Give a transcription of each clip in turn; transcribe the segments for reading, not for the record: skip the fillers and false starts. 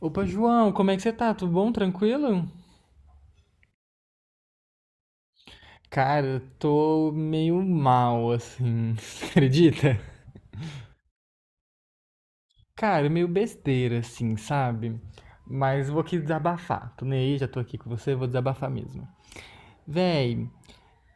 Opa, João, como é que você tá? Tudo bom? Tranquilo? Cara, eu tô meio mal, assim, você acredita? Cara, meio besteira, assim, sabe? Mas vou aqui desabafar. Tô nem aí, já tô aqui com você, vou desabafar mesmo. Véi,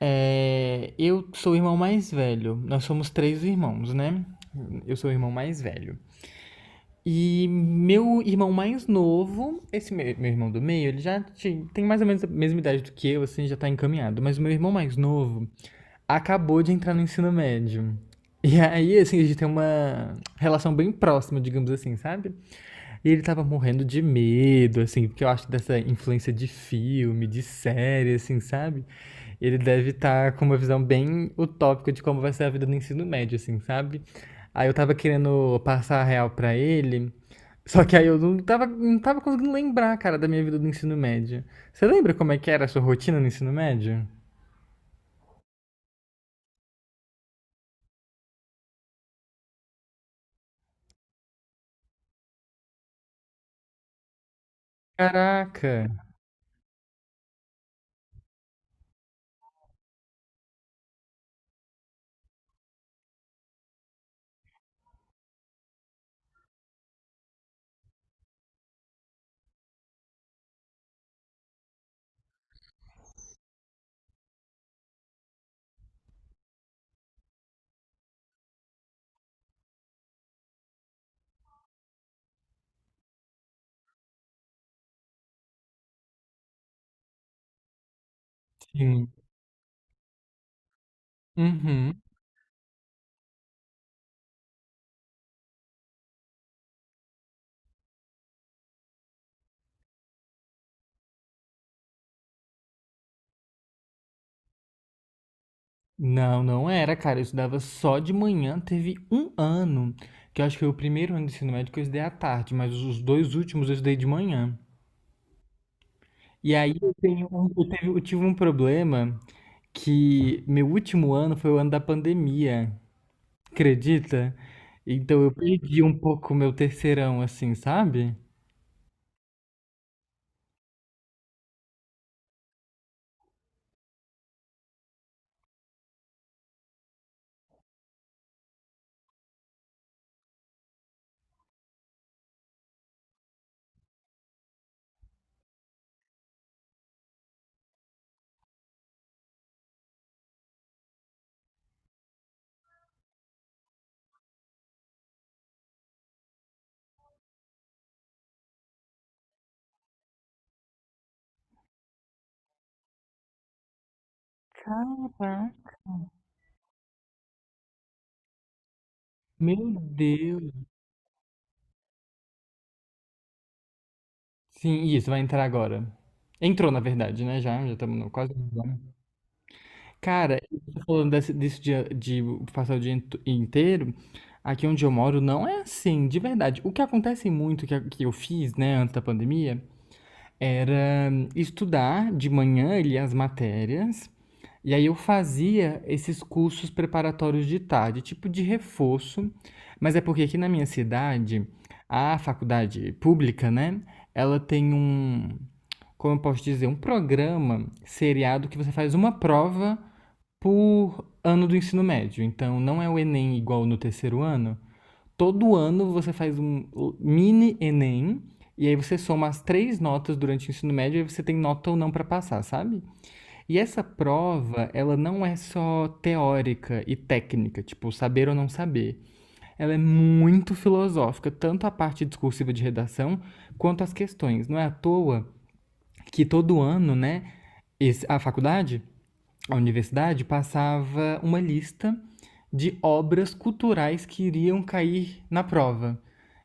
eu sou o irmão mais velho. Nós somos três irmãos, né? Eu sou o irmão mais velho. E meu irmão mais novo, esse meu irmão do meio, ele tem mais ou menos a mesma idade do que eu, assim, já tá encaminhado. Mas o meu irmão mais novo, acabou de entrar no ensino médio. E aí, assim, a gente tem uma relação bem próxima, digamos assim, sabe? E ele tava morrendo de medo, assim, porque eu acho que dessa influência de filme, de série, assim, sabe? Ele deve estar com uma visão bem utópica de como vai ser a vida no ensino médio, assim, sabe? Aí eu tava querendo passar a real pra ele, só que aí eu não tava conseguindo lembrar, cara, da minha vida do ensino médio. Você lembra como é que era a sua rotina no ensino médio? Caraca! Sim. Uhum. Não, não era, cara. Eu estudava só de manhã. Teve um ano, que eu acho que foi o primeiro ano do ensino médio que eu estudei à tarde, mas os dois últimos eu estudei de manhã. E aí eu tenho, um- eu teve- eu tive um problema que meu último ano foi o ano da pandemia, acredita? Então eu perdi um pouco o meu terceirão, assim, sabe? Cara, meu Deus. Sim, isso, vai entrar agora. Entrou, na verdade, né? Já, já estamos quase. Cara, você falando disso de passar o dia int- inteiro, aqui onde eu moro não é assim, de verdade. O que acontece muito, que eu fiz, né, antes da pandemia, era estudar de manhã ali as matérias, e aí eu fazia esses cursos preparatórios de tarde, tipo de reforço, mas é porque aqui na minha cidade, a faculdade pública, né, ela tem um, como eu posso dizer, um programa seriado que você faz uma prova por ano do ensino médio. Então, não é o Enem igual no terceiro ano. Todo ano você faz um mini Enem e aí você soma as três notas durante o ensino médio e aí você tem nota ou não para passar, sabe? E essa prova, ela não é só teórica e técnica, tipo saber ou não saber. Ela é muito filosófica, tanto a parte discursiva de redação quanto as questões. Não é à toa que todo ano, né, a faculdade a universidade passava uma lista de obras culturais que iriam cair na prova.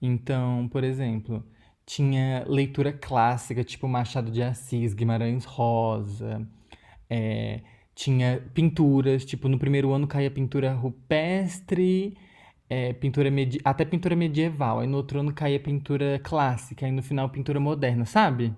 Então, por exemplo, tinha leitura clássica, tipo Machado de Assis, Guimarães Rosa, é, tinha pinturas, tipo, no primeiro ano caía pintura rupestre, até pintura medieval, aí no outro ano caía pintura clássica, aí no final pintura moderna, sabe?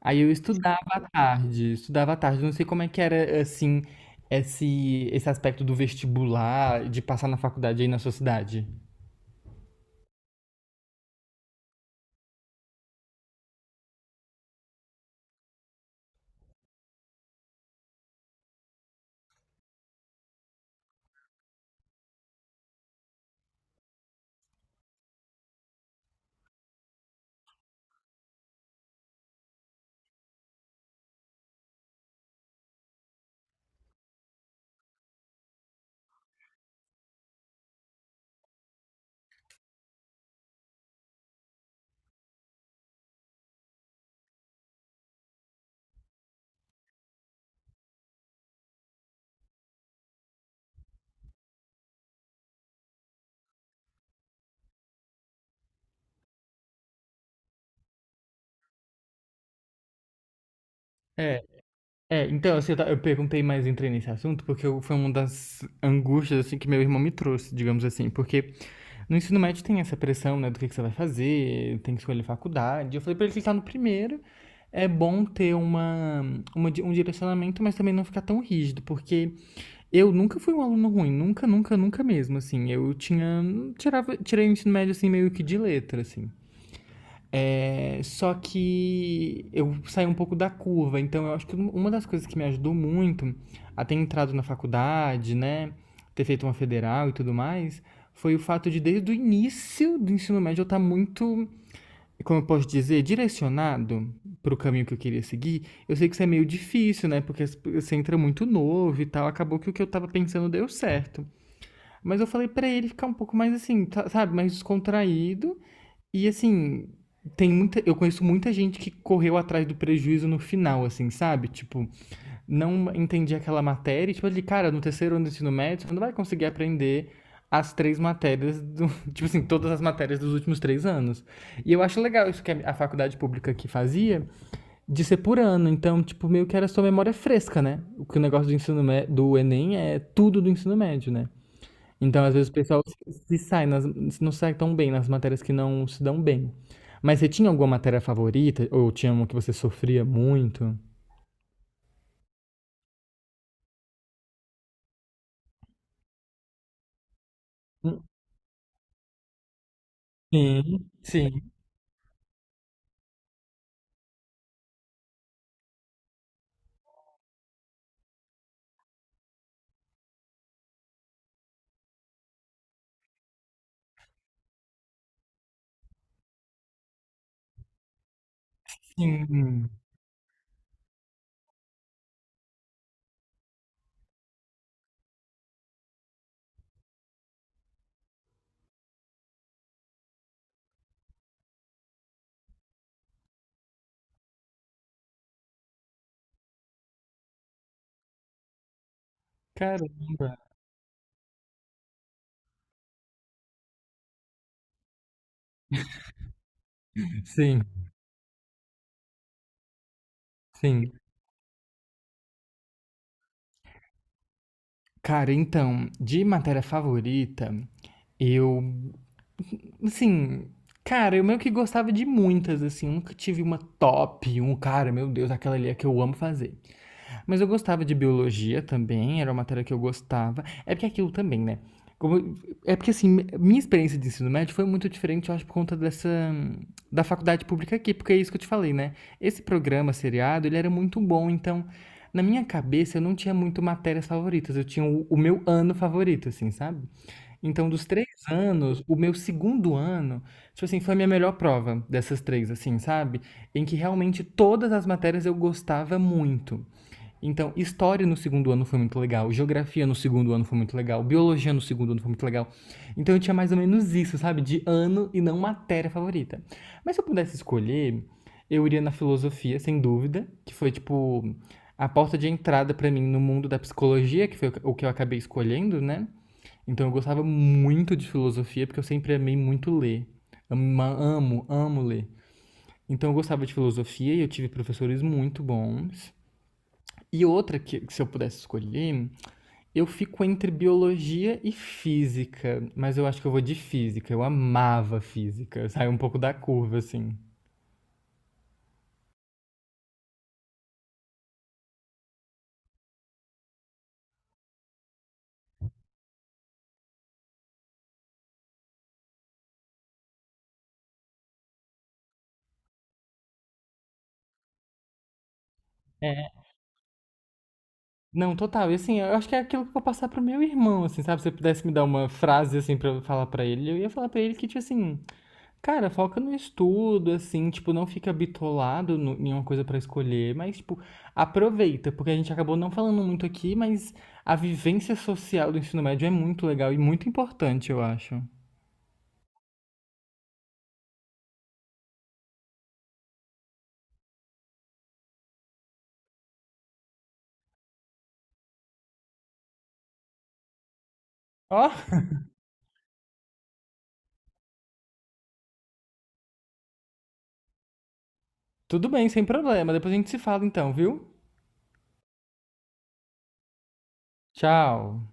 Aí eu estudava à tarde, estudava à tarde. Não sei como é que era, assim, esse aspecto do vestibular, de passar na faculdade aí na sua cidade. É, é, então, assim, eu perguntei mais, entrei nesse assunto, porque foi uma das angústias, assim, que meu irmão me trouxe, digamos assim, porque no ensino médio tem essa pressão, né, do que você vai fazer, tem que escolher faculdade. Eu falei pra ele que ele tá no primeiro, é bom ter uma, um direcionamento, mas também não ficar tão rígido, porque eu nunca fui um aluno ruim, nunca, nunca, nunca mesmo, assim. Eu tinha. Tirava, tirei o ensino médio, assim, meio que de letra, assim. É, só que eu saí um pouco da curva, então eu acho que uma das coisas que me ajudou muito a ter entrado na faculdade, né? Ter feito uma federal e tudo mais, foi o fato de desde o início do ensino médio eu estar muito como eu posso dizer, direcionado para o caminho que eu queria seguir, eu sei que isso é meio difícil, né? Porque você entra muito novo e tal. Acabou que o que eu tava pensando deu certo. Mas eu falei pra ele ficar um pouco mais assim, tá- sabe? Mais descontraído. E assim, tem muita, eu conheço muita gente que correu atrás do prejuízo no final, assim, sabe? Tipo, não entendia aquela matéria. E, tipo, ele, cara, no terceiro ano do ensino médio, você não vai conseguir aprender as três matérias, tipo assim, todas as matérias dos últimos três anos. E eu acho legal isso que a faculdade pública aqui fazia, de ser por ano. Então, tipo, meio que era sua memória fresca, né? O que o negócio do ensino mé- do Enem é tudo do ensino médio, né? Então, às vezes, o pessoal se sai nas, não sai tão bem nas matérias que não se dão bem. Mas você tinha alguma matéria favorita? Ou tinha uma que você sofria muito? Hum, Sim, sim. Sim, caramba. Sim, sim. Cara, então, de matéria favorita, eu, assim, cara, eu meio que gostava de muitas, assim, eu nunca tive uma top, um cara, meu Deus, aquela ali é que eu amo fazer. Mas eu gostava de biologia também, era uma matéria que eu gostava. É porque aquilo também, né? Como- é porque assim, minha experiência de ensino médio foi muito diferente, eu acho, por conta dessa da faculdade pública aqui, porque é isso que eu te falei, né? Esse programa seriado, ele era muito bom, então na minha cabeça eu não tinha muito matérias favoritas, eu tinha o meu ano favorito, assim, sabe? Então, dos três anos, o meu segundo ano, tipo assim, foi a minha melhor prova dessas três, assim, sabe? Em que realmente todas as matérias eu gostava muito. Então, história no segundo ano foi muito legal, geografia no segundo ano foi muito legal, biologia no segundo ano foi muito legal. Então eu tinha mais ou menos isso, sabe? De ano e não matéria favorita. Mas se eu pudesse escolher, eu iria na filosofia, sem dúvida, que foi tipo a porta de entrada pra mim no mundo da psicologia, que foi o que eu acabei escolhendo, né? Então eu gostava muito de filosofia, porque eu sempre amei muito ler. Amo, amo ler. Então eu gostava de filosofia e eu tive professores muito bons. E outra que se eu pudesse escolher, eu fico entre biologia e física, mas eu acho que eu vou de física. Eu amava física, saiu um pouco da curva, assim. É. Não, total. E assim, eu acho que é aquilo que eu vou passar pro meu irmão, assim, sabe? Se eu pudesse me dar uma frase, assim, pra eu falar pra ele, eu ia falar pra ele que, tipo assim, cara, foca no estudo, assim, tipo, não fica bitolado no, em uma coisa pra escolher, mas, tipo, aproveita, porque a gente acabou não falando muito aqui, mas a vivência social do ensino médio é muito legal e muito importante, eu acho. Ó, tudo bem, sem problema. Depois a gente se fala então, viu? Tchau.